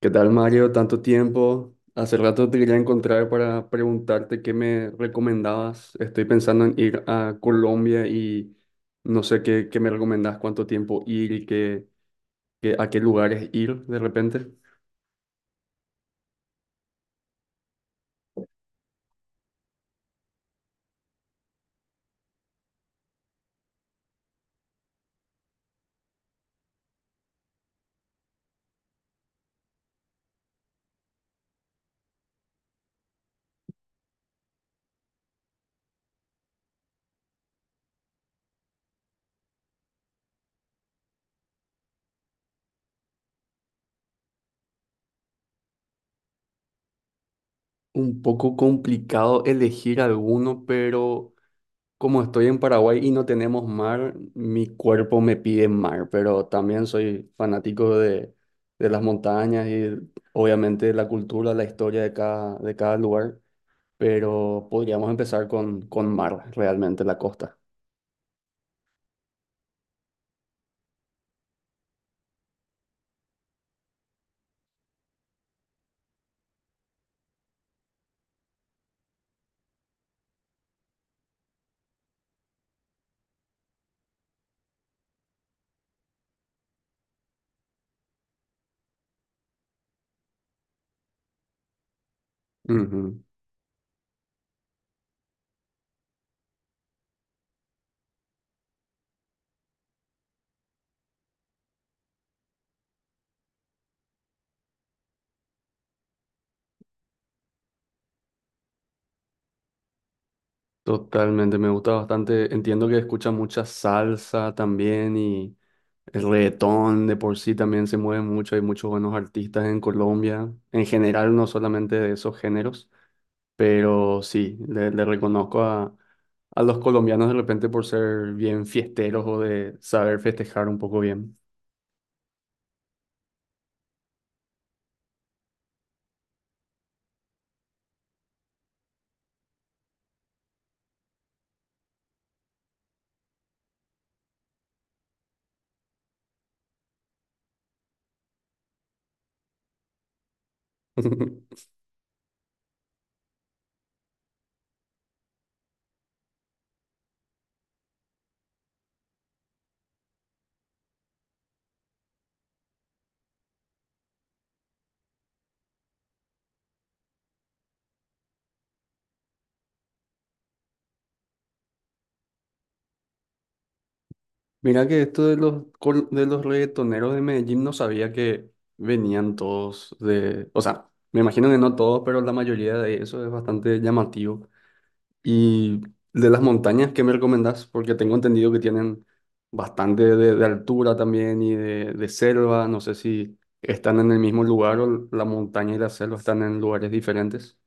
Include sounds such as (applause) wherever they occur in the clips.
¿Qué tal, Mario? Tanto tiempo. Hace rato te quería encontrar para preguntarte qué me recomendabas. Estoy pensando en ir a Colombia y no sé qué me recomendás, cuánto tiempo ir y a qué lugares ir de repente. Un poco complicado elegir alguno, pero como estoy en Paraguay y no tenemos mar, mi cuerpo me pide mar, pero también soy fanático de las montañas y obviamente la cultura, la historia de de cada lugar. Pero podríamos empezar con mar, realmente la costa. Ujú. Totalmente, me gusta bastante. Entiendo que escucha mucha salsa también y el reggaetón de por sí también se mueve mucho. Hay muchos buenos artistas en Colombia, en general, no solamente de esos géneros, pero sí, le reconozco a los colombianos de repente por ser bien fiesteros o de saber festejar un poco bien. (laughs) Mira que esto de de los reggaetoneros de Medellín no sabía que venían todos de... O sea, me imagino que no todos, pero la mayoría de eso es bastante llamativo. Y de las montañas, ¿qué me recomendás? Porque tengo entendido que tienen bastante de altura también y de selva. No sé si están en el mismo lugar o la montaña y la selva están en lugares diferentes.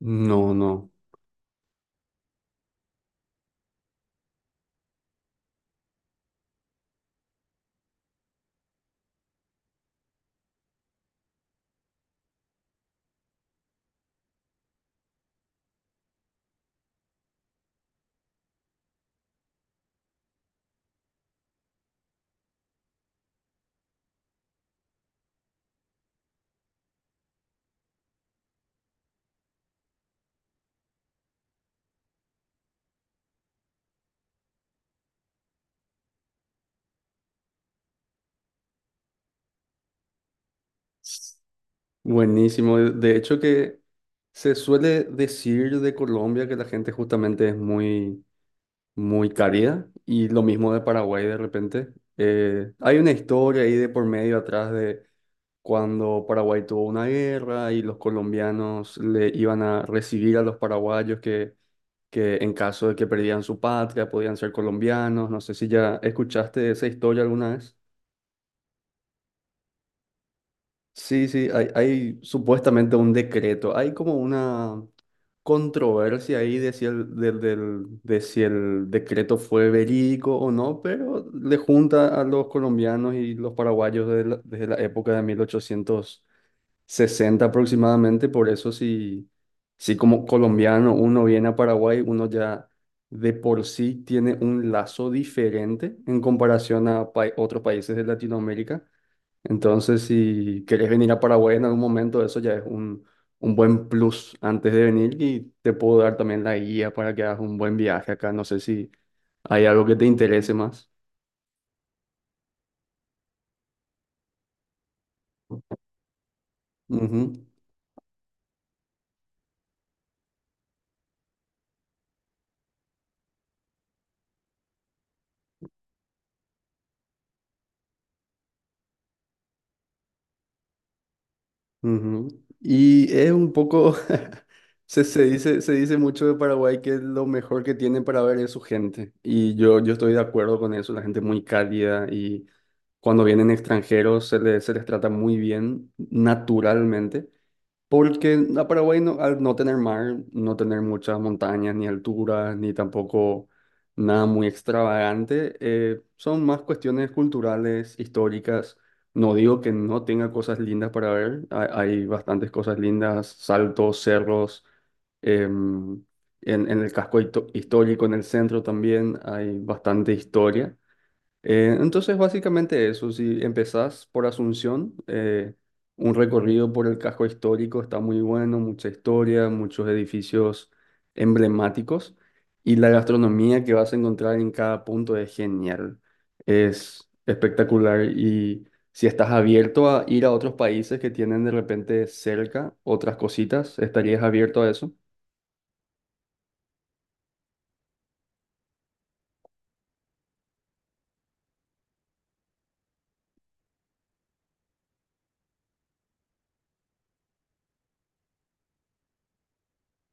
No, no. Buenísimo. De hecho que se suele decir de Colombia que la gente justamente es muy cálida y lo mismo de Paraguay de repente. Hay una historia ahí de por medio atrás de cuando Paraguay tuvo una guerra y los colombianos le iban a recibir a los paraguayos que en caso de que perdían su patria podían ser colombianos. No sé si ya escuchaste esa historia alguna. Sí, sí, hay supuestamente un decreto. Hay como una controversia ahí de si el, del- del- de si el decreto fue verídico o no, pero le junta a los colombianos y los paraguayos desde desde la época de 1860 aproximadamente. Por eso si como colombiano uno viene a Paraguay, uno ya de por sí tiene un lazo diferente en comparación a otros países de Latinoamérica. Entonces, si querés venir a Paraguay en algún momento, eso ya es un buen plus antes de venir y te puedo dar también la guía para que hagas un buen viaje acá. No sé si hay algo que te interese más. Ujú, ujú. Y es un poco, (laughs) se dice mucho de Paraguay que lo mejor que tiene para ver es su gente. Y yo estoy de acuerdo con eso, la gente es muy cálida y cuando vienen extranjeros se se les trata muy bien naturalmente. Porque a Paraguay, al no tener mar, no tener muchas montañas, ni alturas, ni tampoco nada muy extravagante, son más cuestiones culturales, históricas. No digo que no tenga cosas lindas para ver, hay bastantes cosas lindas, saltos, cerros, em, en el histórico, en el centro también hay bastante historia. Entonces, básicamente eso, si empezás por Asunción, un recorrido por el casco histórico está muy bueno, mucha historia, muchos edificios emblemáticos y la gastronomía que vas a encontrar en cada punto es genial, es espectacular y si estás abierto a ir a otros países que tienen de repente cerca otras cositas, ¿estarías abierto a eso?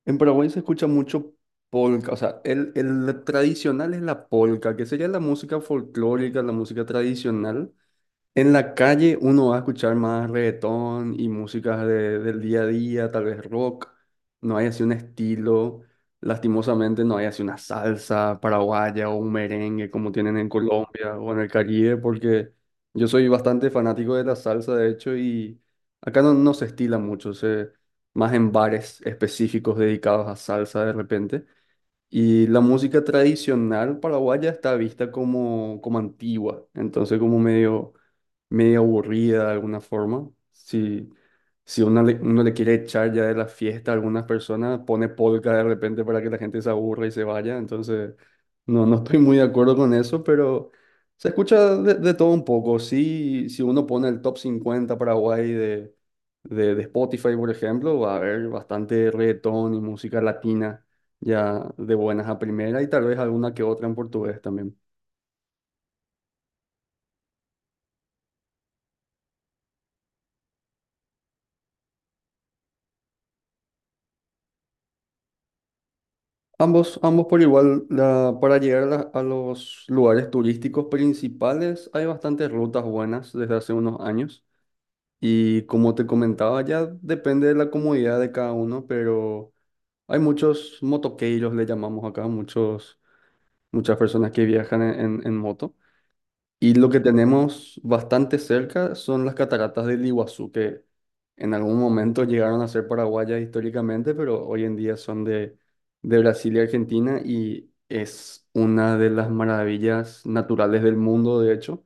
En Paraguay se escucha mucho polka, o sea, el tradicional es la polka, que sería la música folclórica, la música tradicional, en la calle uno va a escuchar más reggaetón y músicas del día a día, tal vez rock. No hay así un estilo, lastimosamente no hay así una salsa paraguaya o un merengue como tienen en Colombia o en el Caribe, porque yo soy bastante fanático de la salsa, de hecho, y acá no, no se estila mucho, se, más en bares específicos dedicados a salsa de repente. Y la música tradicional paraguaya está vista como, como antigua, entonces como medio, medio aburrida de alguna forma. Si, si uno uno le quiere echar ya de la fiesta a algunas personas, pone polka de repente para que la gente se aburra y se vaya. Entonces, no, no estoy muy de acuerdo con eso, pero se escucha de todo un poco. Sí, si uno pone el top 50 Paraguay de Spotify, por ejemplo, va a haber bastante reggaetón y música latina ya de buenas a primera y tal vez alguna que otra en portugués también. Ambos, ambos por igual, para llegar a, a los lugares turísticos principales hay bastantes rutas buenas desde hace unos años y como te comentaba ya depende de la comodidad de cada uno, pero hay muchos motoqueiros, le llamamos acá, muchos, muchas personas que viajan en moto. Y lo que tenemos bastante cerca son las cataratas del Iguazú, que en algún momento llegaron a ser paraguayas históricamente, pero hoy en día son de Brasil y Argentina y es una de las maravillas naturales del mundo, de hecho.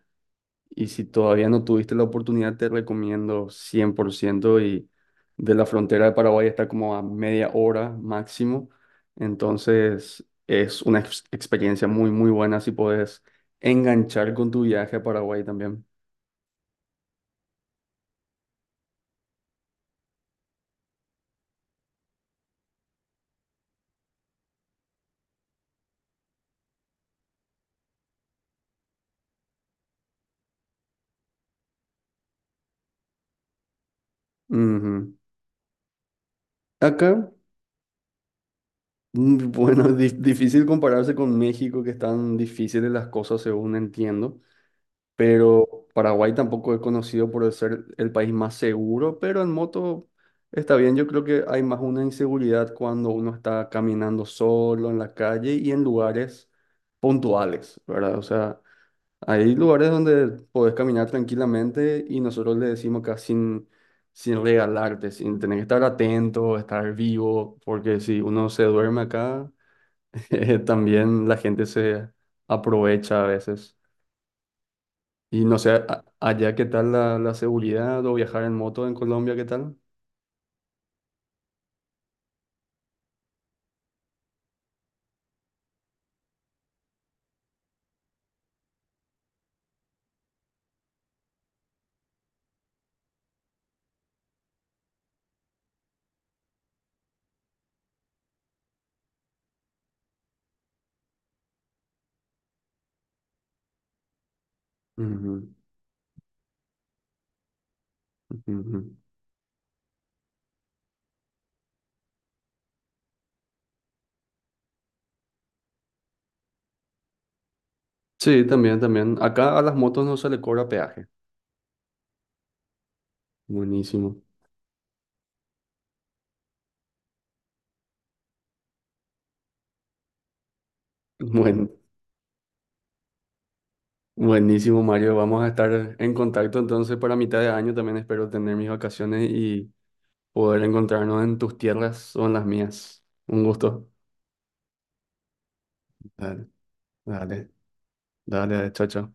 Y si todavía no tuviste la oportunidad, te recomiendo 100% y de la frontera de Paraguay está como a media hora máximo. Entonces es una experiencia muy buena si puedes enganchar con tu viaje a Paraguay también. Ujú. Acá, (laughs) bueno, difícil compararse con México, que están difíciles las cosas según entiendo. Pero Paraguay tampoco es conocido por ser el país más seguro, pero en moto está bien. Yo creo que hay más una inseguridad cuando uno está caminando solo en la calle y en lugares puntuales, ¿verdad? O sea, hay lugares donde podés caminar tranquilamente y nosotros le decimos acá sin regalarte, sin tener que estar atento, estar vivo, porque si uno se duerme acá, (laughs) también la gente se aprovecha a veces. Y no sé, allá qué tal la seguridad o viajar en moto en Colombia, ¿qué tal? Ujú, ujú. Sí, también, también. Acá a las motos no se le cobra peaje. Buenísimo. (laughs) Buen, buenísimo, Mario. Vamos a estar en contacto entonces para mitad de año. También espero tener mis vacaciones y poder encontrarnos en tus tierras o en las mías. Un gusto. Dale, dale, dale, chao, chao.